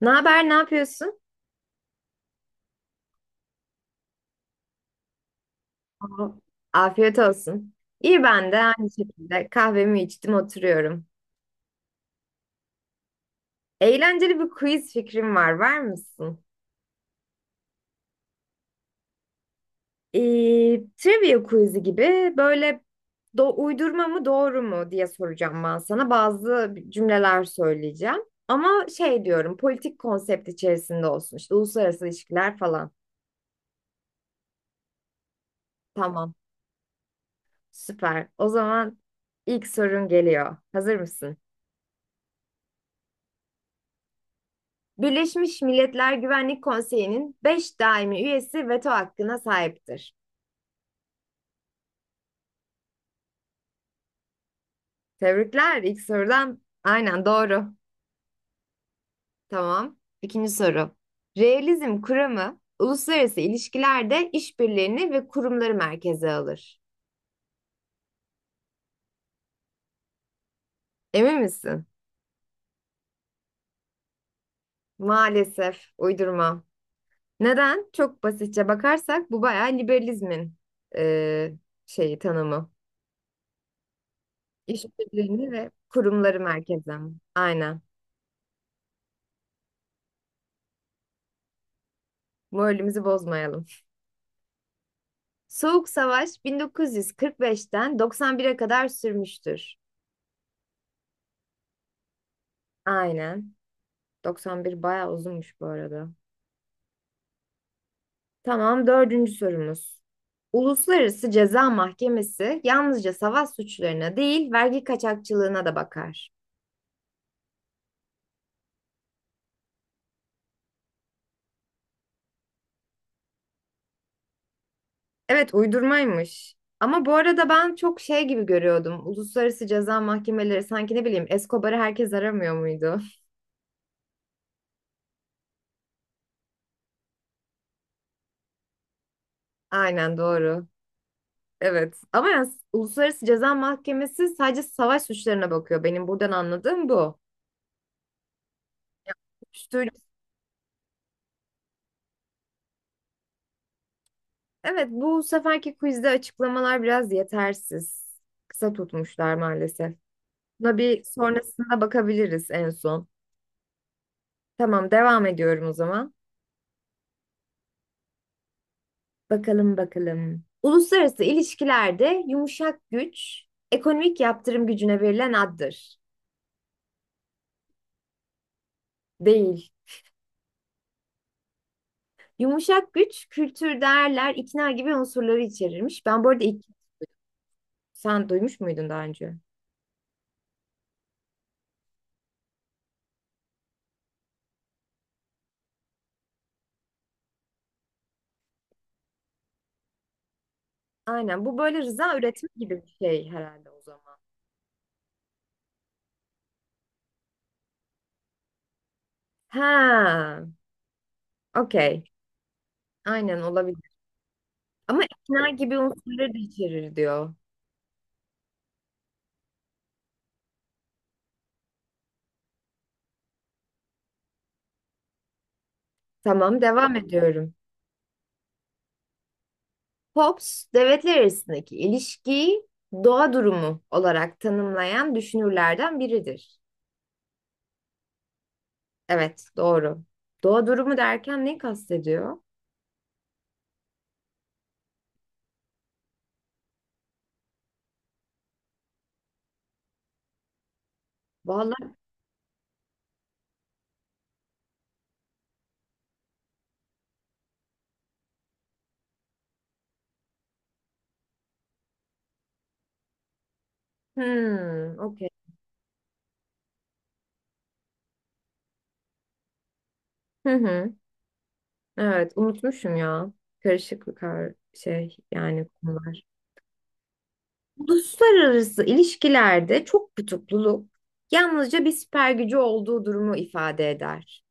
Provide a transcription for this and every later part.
Ne haber, ne yapıyorsun? Aa, afiyet olsun. İyi ben de aynı şekilde kahvemi içtim oturuyorum. Eğlenceli bir quiz fikrim var, var mısın? Ee, trivia quiz'i gibi böyle uydurma mı doğru mu diye soracağım ben sana. Bazı cümleler söyleyeceğim. Ama şey diyorum politik konsept içerisinde olsun işte uluslararası ilişkiler falan. Tamam, süper. O zaman ilk sorun geliyor. Hazır mısın? Birleşmiş Milletler Güvenlik Konseyi'nin 5 daimi üyesi veto hakkına sahiptir. Tebrikler ilk sorudan. Aynen doğru. Tamam. İkinci soru. Realizm kuramı uluslararası ilişkilerde işbirliğini ve kurumları merkeze alır. Emin misin? Maalesef uydurma. Neden? Çok basitçe bakarsak bu bayağı liberalizmin eee, şeyi tanımı. İşbirliğini ve kurumları merkeze. Aynen. Moralimizi bozmayalım. Soğuk Savaş 1945'ten 91'e kadar sürmüştür. Aynen. 91 bayağı uzunmuş bu arada. Tamam, dördüncü sorumuz. Uluslararası Ceza Mahkemesi yalnızca savaş suçlarına değil, vergi kaçakçılığına da bakar. Evet, uydurmaymış. Ama bu arada ben çok şey gibi görüyordum. Uluslararası Ceza Mahkemeleri sanki ne bileyim Escobar'ı herkes aramıyor muydu? Aynen doğru. Evet. Ama yani Uluslararası Ceza Mahkemesi sadece savaş suçlarına bakıyor. Benim buradan anladığım bu. Uyuşturucu- Evet, bu seferki quizde açıklamalar biraz yetersiz. Kısa tutmuşlar maalesef. Buna bir sonrasında bakabiliriz en son. Tamam, devam ediyorum o zaman. Bakalım bakalım. Uluslararası ilişkilerde yumuşak güç, ekonomik yaptırım gücüne verilen addır. Değil. Yumuşak güç, kültür, değerler, ikna gibi unsurları içerirmiş. Ben bu arada, sen duymuş muydun daha önce? Aynen. Bu böyle rıza üretimi gibi bir şey herhalde o zaman. Ha, okey. Aynen olabilir. Ama ikna gibi unsurları da içerir diyor. Tamam, devam ediyorum. Hobbes, devletler arasındaki ilişkiyi doğa durumu olarak tanımlayan düşünürlerden biridir. Evet, doğru. Doğa durumu derken ne kastediyor? Vallahi, hmm, okey. Hı hı. Evet, unutmuşum ya. Karışık bir şey yani konular. Uluslararası ilişkilerde çok kutupluluk yalnızca bir süper gücü olduğu durumu ifade eder.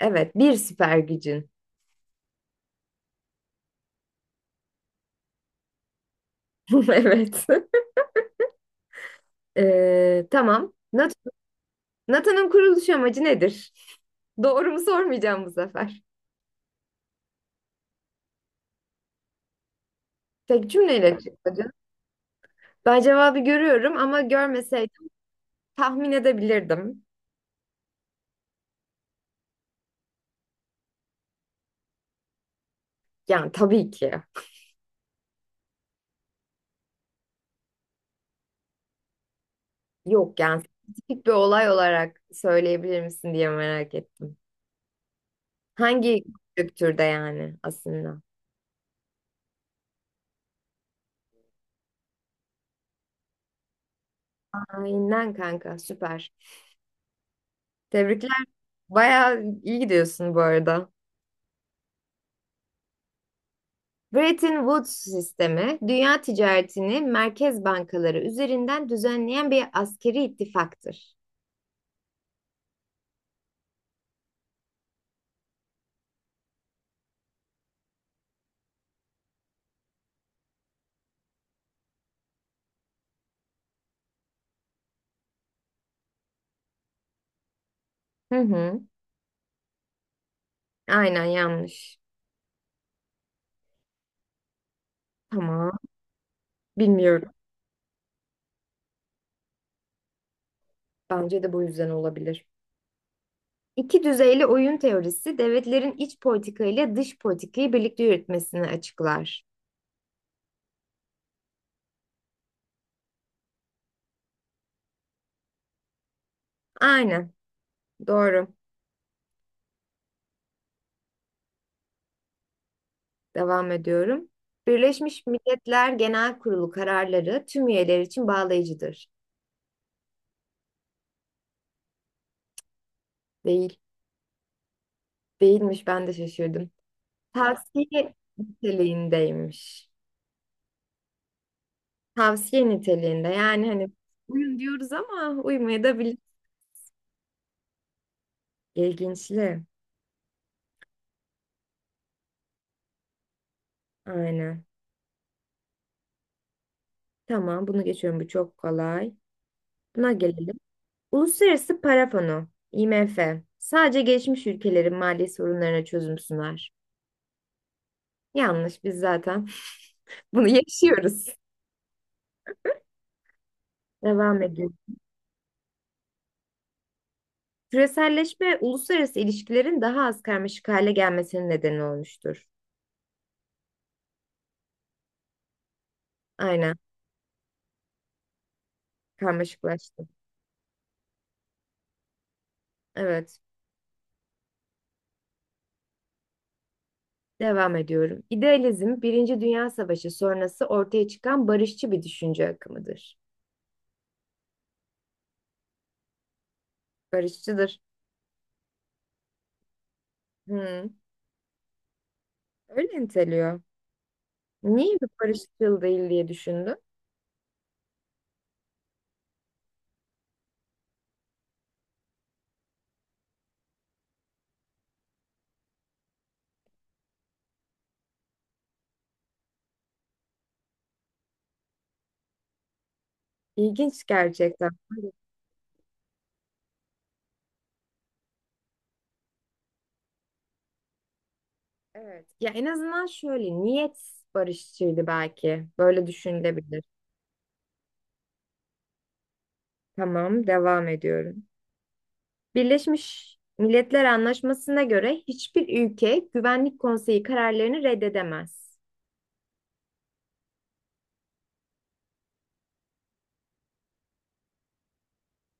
Evet, bir süper gücün. Evet. Tamam. NATO'nun kuruluş amacı nedir? Doğru mu sormayacağım bu sefer. Tek cümleyle açıklayacağım. Ben cevabı görüyorum ama görmeseydim tahmin edebilirdim. Yani tabii ki. Yok yani spesifik bir olay olarak söyleyebilir misin diye merak ettim. Hangi kültürde yani aslında? Aynen kanka, süper. Tebrikler. Bayağı iyi gidiyorsun bu arada. Bretton Woods sistemi, dünya ticaretini merkez bankaları üzerinden düzenleyen bir askeri ittifaktır. Hı hı. Aynen yanlış. Tamam. Bilmiyorum. Bence de bu yüzden olabilir. İki düzeyli oyun teorisi devletlerin iç politika ile dış politikayı birlikte yürütmesini açıklar. Aynen. Doğru. Devam ediyorum. Birleşmiş Milletler Genel Kurulu kararları tüm üyeler için bağlayıcıdır. Değil. Değilmiş, ben de şaşırdım. Tavsiye niteliğindeymiş. Tavsiye niteliğinde yani hani uyun diyoruz ama uymaya da bilir. İlginçli. Aynen. Tamam, bunu geçiyorum, bu çok kolay. Buna gelelim. Uluslararası Para Fonu IMF sadece gelişmiş ülkelerin mali sorunlarına çözüm sunar. Yanlış, biz zaten bunu yaşıyoruz. Devam ediyorum. Küreselleşme uluslararası ilişkilerin daha az karmaşık hale gelmesinin nedeni olmuştur. Aynen, karmaşıklaştı. Evet, devam ediyorum. İdealizm, Birinci Dünya Savaşı sonrası ortaya çıkan barışçı bir düşünce akımıdır. Barışçıdır. Hı, öyle niteliyor. Niye bir barışçıl değil diye düşündüm. İlginç gerçekten. Evet. Ya en azından şöyle, niyet barışçıydı belki. Böyle düşünülebilir. Tamam, devam ediyorum. Birleşmiş Milletler Anlaşması'na göre hiçbir ülke Güvenlik Konseyi kararlarını reddedemez.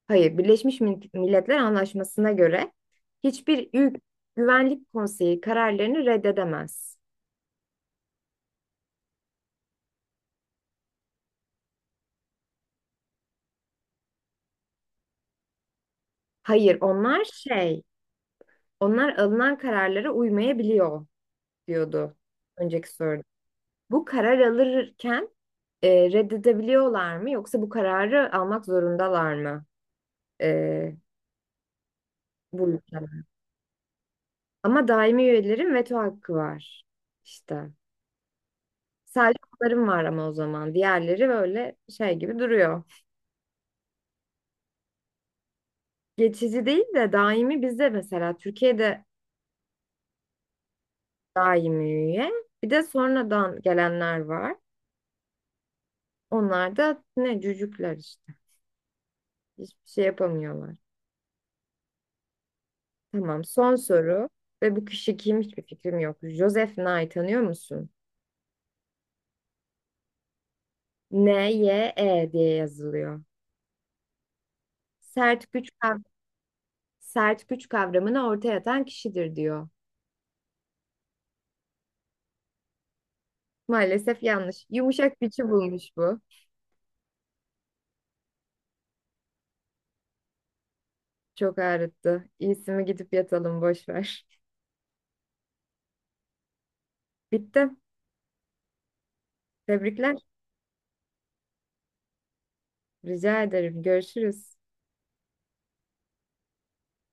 Hayır, Birleşmiş Milletler Anlaşması'na göre hiçbir ülke Güvenlik Konseyi kararlarını reddedemez. Hayır, onlar şey, onlar alınan kararlara uymayabiliyor diyordu önceki soruda. Bu karar alırken reddedebiliyorlar mı yoksa bu kararı almak zorundalar mı e, bu ülkeler? Ama daimi üyelerin veto hakkı var. İşte. Sadece onların var ama o zaman. Diğerleri böyle şey gibi duruyor. Geçici değil de daimi, bizde mesela Türkiye'de daimi üye. Bir de sonradan gelenler var. Onlar da ne cücükler işte. Hiçbir şey yapamıyorlar. Tamam, son soru. Ve bu kişi kim, hiçbir fikrim yok. Joseph Nye tanıyor musun? Nye diye yazılıyor. Sert güç kav- Sert güç kavramını ortaya atan kişidir diyor. Maalesef yanlış. Yumuşak gücü bulmuş bu. Çok ağrıttı. İyisi mi gidip yatalım, boş ver. Bitti. Tebrikler. Rica ederim. Görüşürüz.